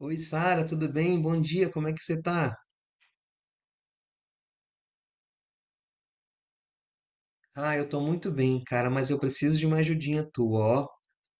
Oi, Sara, tudo bem? Bom dia, como é que você tá? Ah, eu tô muito bem, cara, mas eu preciso de uma ajudinha tua, ó.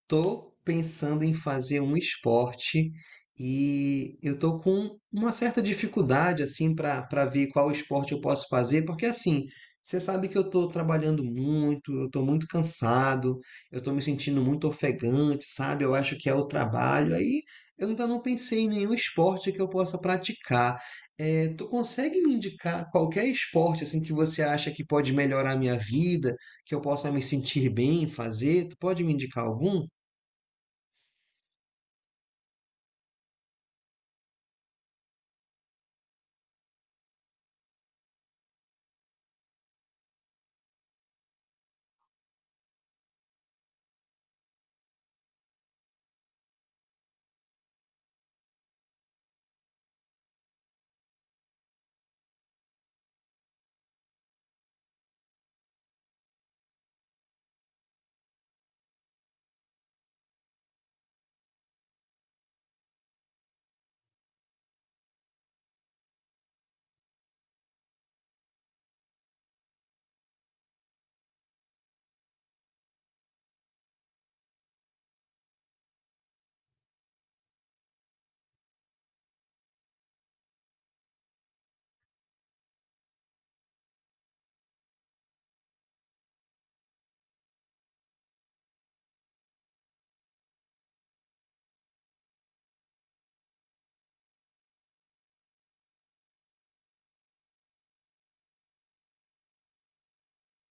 Tô pensando em fazer um esporte e eu tô com uma certa dificuldade assim para ver qual esporte eu posso fazer, porque assim, você sabe que eu tô trabalhando muito, eu tô muito cansado, eu tô me sentindo muito ofegante, sabe? Eu acho que é o trabalho. Aí eu ainda não pensei em nenhum esporte que eu possa praticar. Tu consegue me indicar qualquer esporte assim que você acha que pode melhorar a minha vida, que eu possa me sentir bem em fazer? Tu pode me indicar algum?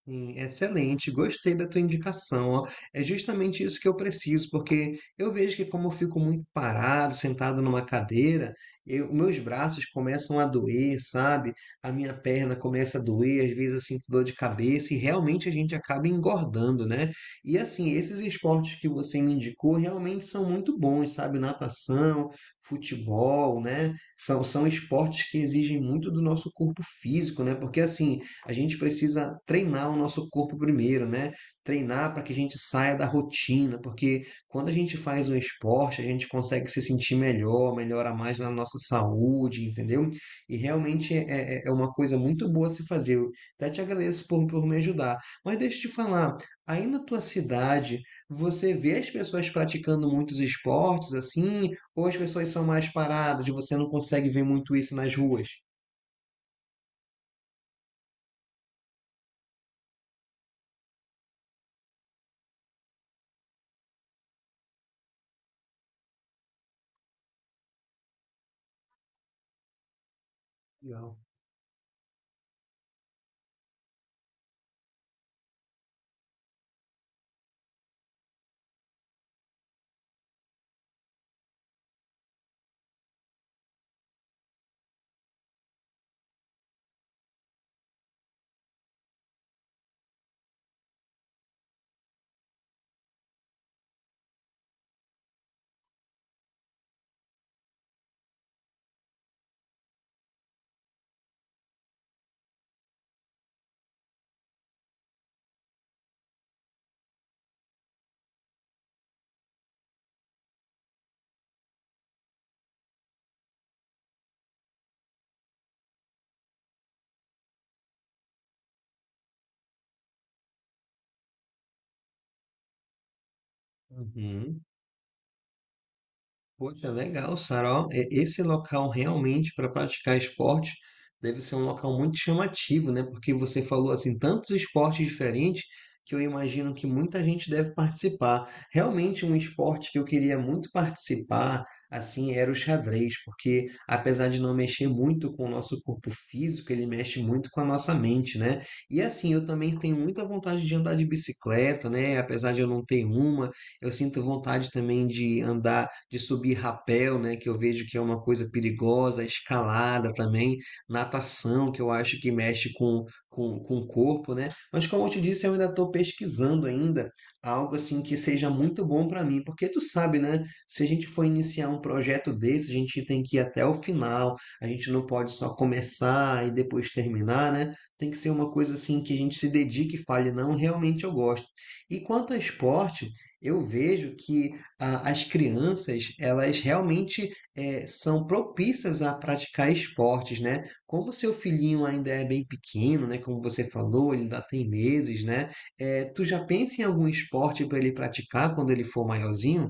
Excelente, gostei da tua indicação, ó. É justamente isso que eu preciso, porque eu vejo que como eu fico muito parado, sentado numa cadeira, meus braços começam a doer, sabe? A minha perna começa a doer, às vezes eu sinto dor de cabeça e realmente a gente acaba engordando, né? E assim, esses esportes que você me indicou realmente são muito bons, sabe? Natação, futebol, né? São esportes que exigem muito do nosso corpo físico, né? Porque assim, a gente precisa treinar o nosso corpo primeiro, né? Treinar para que a gente saia da rotina, porque quando a gente faz um esporte, a gente consegue se sentir melhor, melhora mais na nossa saúde, entendeu? E realmente é uma coisa muito boa se fazer. Eu até te agradeço por me ajudar. Mas deixa eu te falar, aí na tua cidade, você vê as pessoas praticando muitos esportes assim, ou as pessoas são mais paradas, e você não consegue ver muito isso nas ruas? Legal. Uhum. Poxa, legal, Sara. Ó, esse local realmente para praticar esporte deve ser um local muito chamativo, né? Porque você falou assim tantos esportes diferentes que eu imagino que muita gente deve participar. Realmente um esporte que eu queria muito participar, assim, era o xadrez, porque apesar de não mexer muito com o nosso corpo físico, ele mexe muito com a nossa mente, né? E assim, eu também tenho muita vontade de andar de bicicleta, né? Apesar de eu não ter uma, eu sinto vontade também de andar, de subir rapel, né, que eu vejo que é uma coisa perigosa, escalada também, natação, que eu acho que mexe com o corpo, né? Mas como eu te disse, eu ainda estou pesquisando ainda algo assim que seja muito bom para mim, porque tu sabe, né, se a gente for iniciar um projeto desse, a gente tem que ir até o final, a gente não pode só começar e depois terminar, né? Tem que ser uma coisa assim que a gente se dedique e fale, não, realmente eu gosto. E quanto ao esporte, eu vejo que ah, as crianças, elas realmente são propícias a praticar esportes, né? Como o seu filhinho ainda é bem pequeno, né? Como você falou, ele ainda tem meses, né? Tu já pensa em algum esporte para ele praticar quando ele for maiorzinho?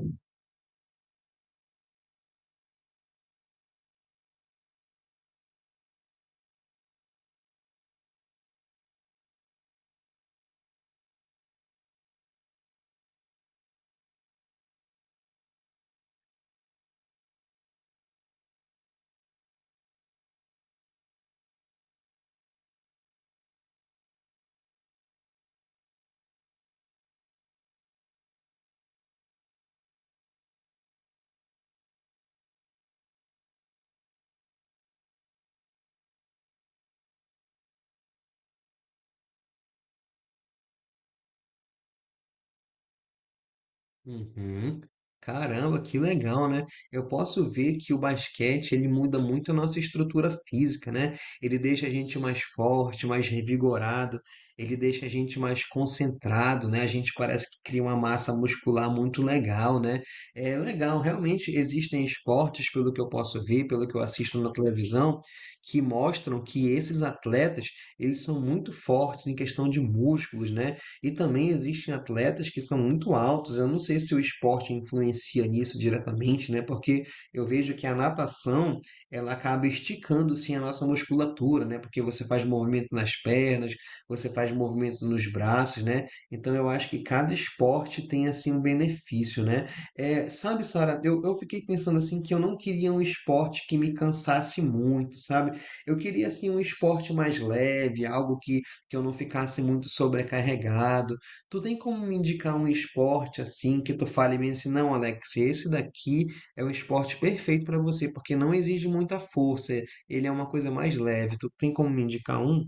Uhum. Caramba, que legal, né? Eu posso ver que o basquete ele muda muito a nossa estrutura física, né? Ele deixa a gente mais forte, mais revigorado, ele deixa a gente mais concentrado, né? A gente parece que cria uma massa muscular muito legal, né? É legal, realmente existem esportes, pelo que eu posso ver, pelo que eu assisto na televisão, que mostram que esses atletas, eles são muito fortes em questão de músculos, né? E também existem atletas que são muito altos. Eu não sei se o esporte influencia nisso diretamente, né? Porque eu vejo que a natação, ela acaba esticando sim a nossa musculatura, né? Porque você faz movimento nas pernas, você faz movimento nos braços, né? Então eu acho que cada esporte tem assim um benefício, né? É, sabe, Sara, eu fiquei pensando assim que eu não queria um esporte que me cansasse muito, sabe? Eu queria assim um esporte mais leve, algo que eu não ficasse muito sobrecarregado. Tu tem como me indicar um esporte assim que tu fale bem assim, não, Alex, esse daqui é o esporte perfeito para você, porque não exige muita força, ele é uma coisa mais leve. Tu tem como me indicar um?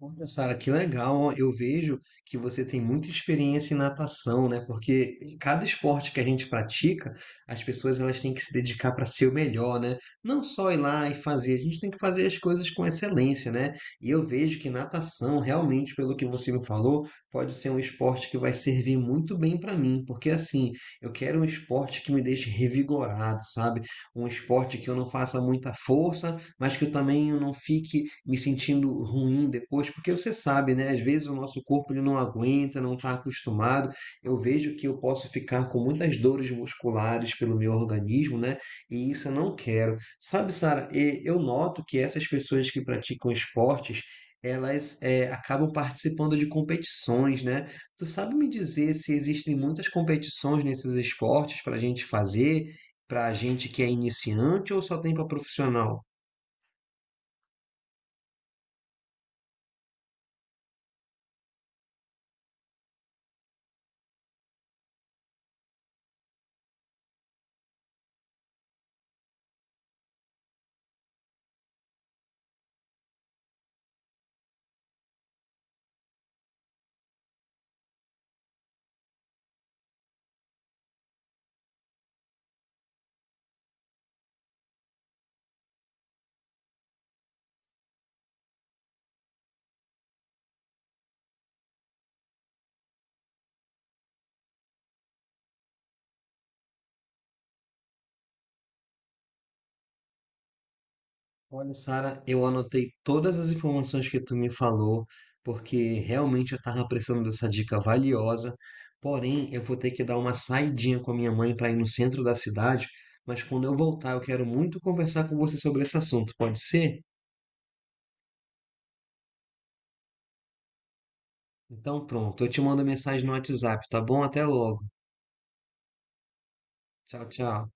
Olha, Sara, que legal. Ó. Eu vejo que você tem muita experiência em natação, né? Porque em cada esporte que a gente pratica, as pessoas elas têm que se dedicar para ser o melhor, né? Não só ir lá e fazer, a gente tem que fazer as coisas com excelência, né? E eu vejo que natação, realmente, pelo que você me falou, pode ser um esporte que vai servir muito bem para mim, porque assim, eu quero um esporte que me deixe revigorado, sabe? Um esporte que eu não faça muita força, mas que eu também não fique me sentindo ruim depois, porque você sabe, né? Às vezes o nosso corpo ele não aguenta, não está acostumado. Eu vejo que eu posso ficar com muitas dores musculares pelo meu organismo, né? E isso eu não quero. Sabe, Sara, e eu noto que essas pessoas que praticam esportes, elas acabam participando de competições, né? Tu sabe me dizer se existem muitas competições nesses esportes para a gente fazer, para a gente que é iniciante ou só tem para profissional? Olha, Sara, eu anotei todas as informações que tu me falou, porque realmente eu estava precisando dessa dica valiosa. Porém, eu vou ter que dar uma saidinha com a minha mãe para ir no centro da cidade, mas quando eu voltar, eu quero muito conversar com você sobre esse assunto, pode ser? Então, pronto, eu te mando mensagem no WhatsApp, tá bom? Até logo. Tchau, tchau.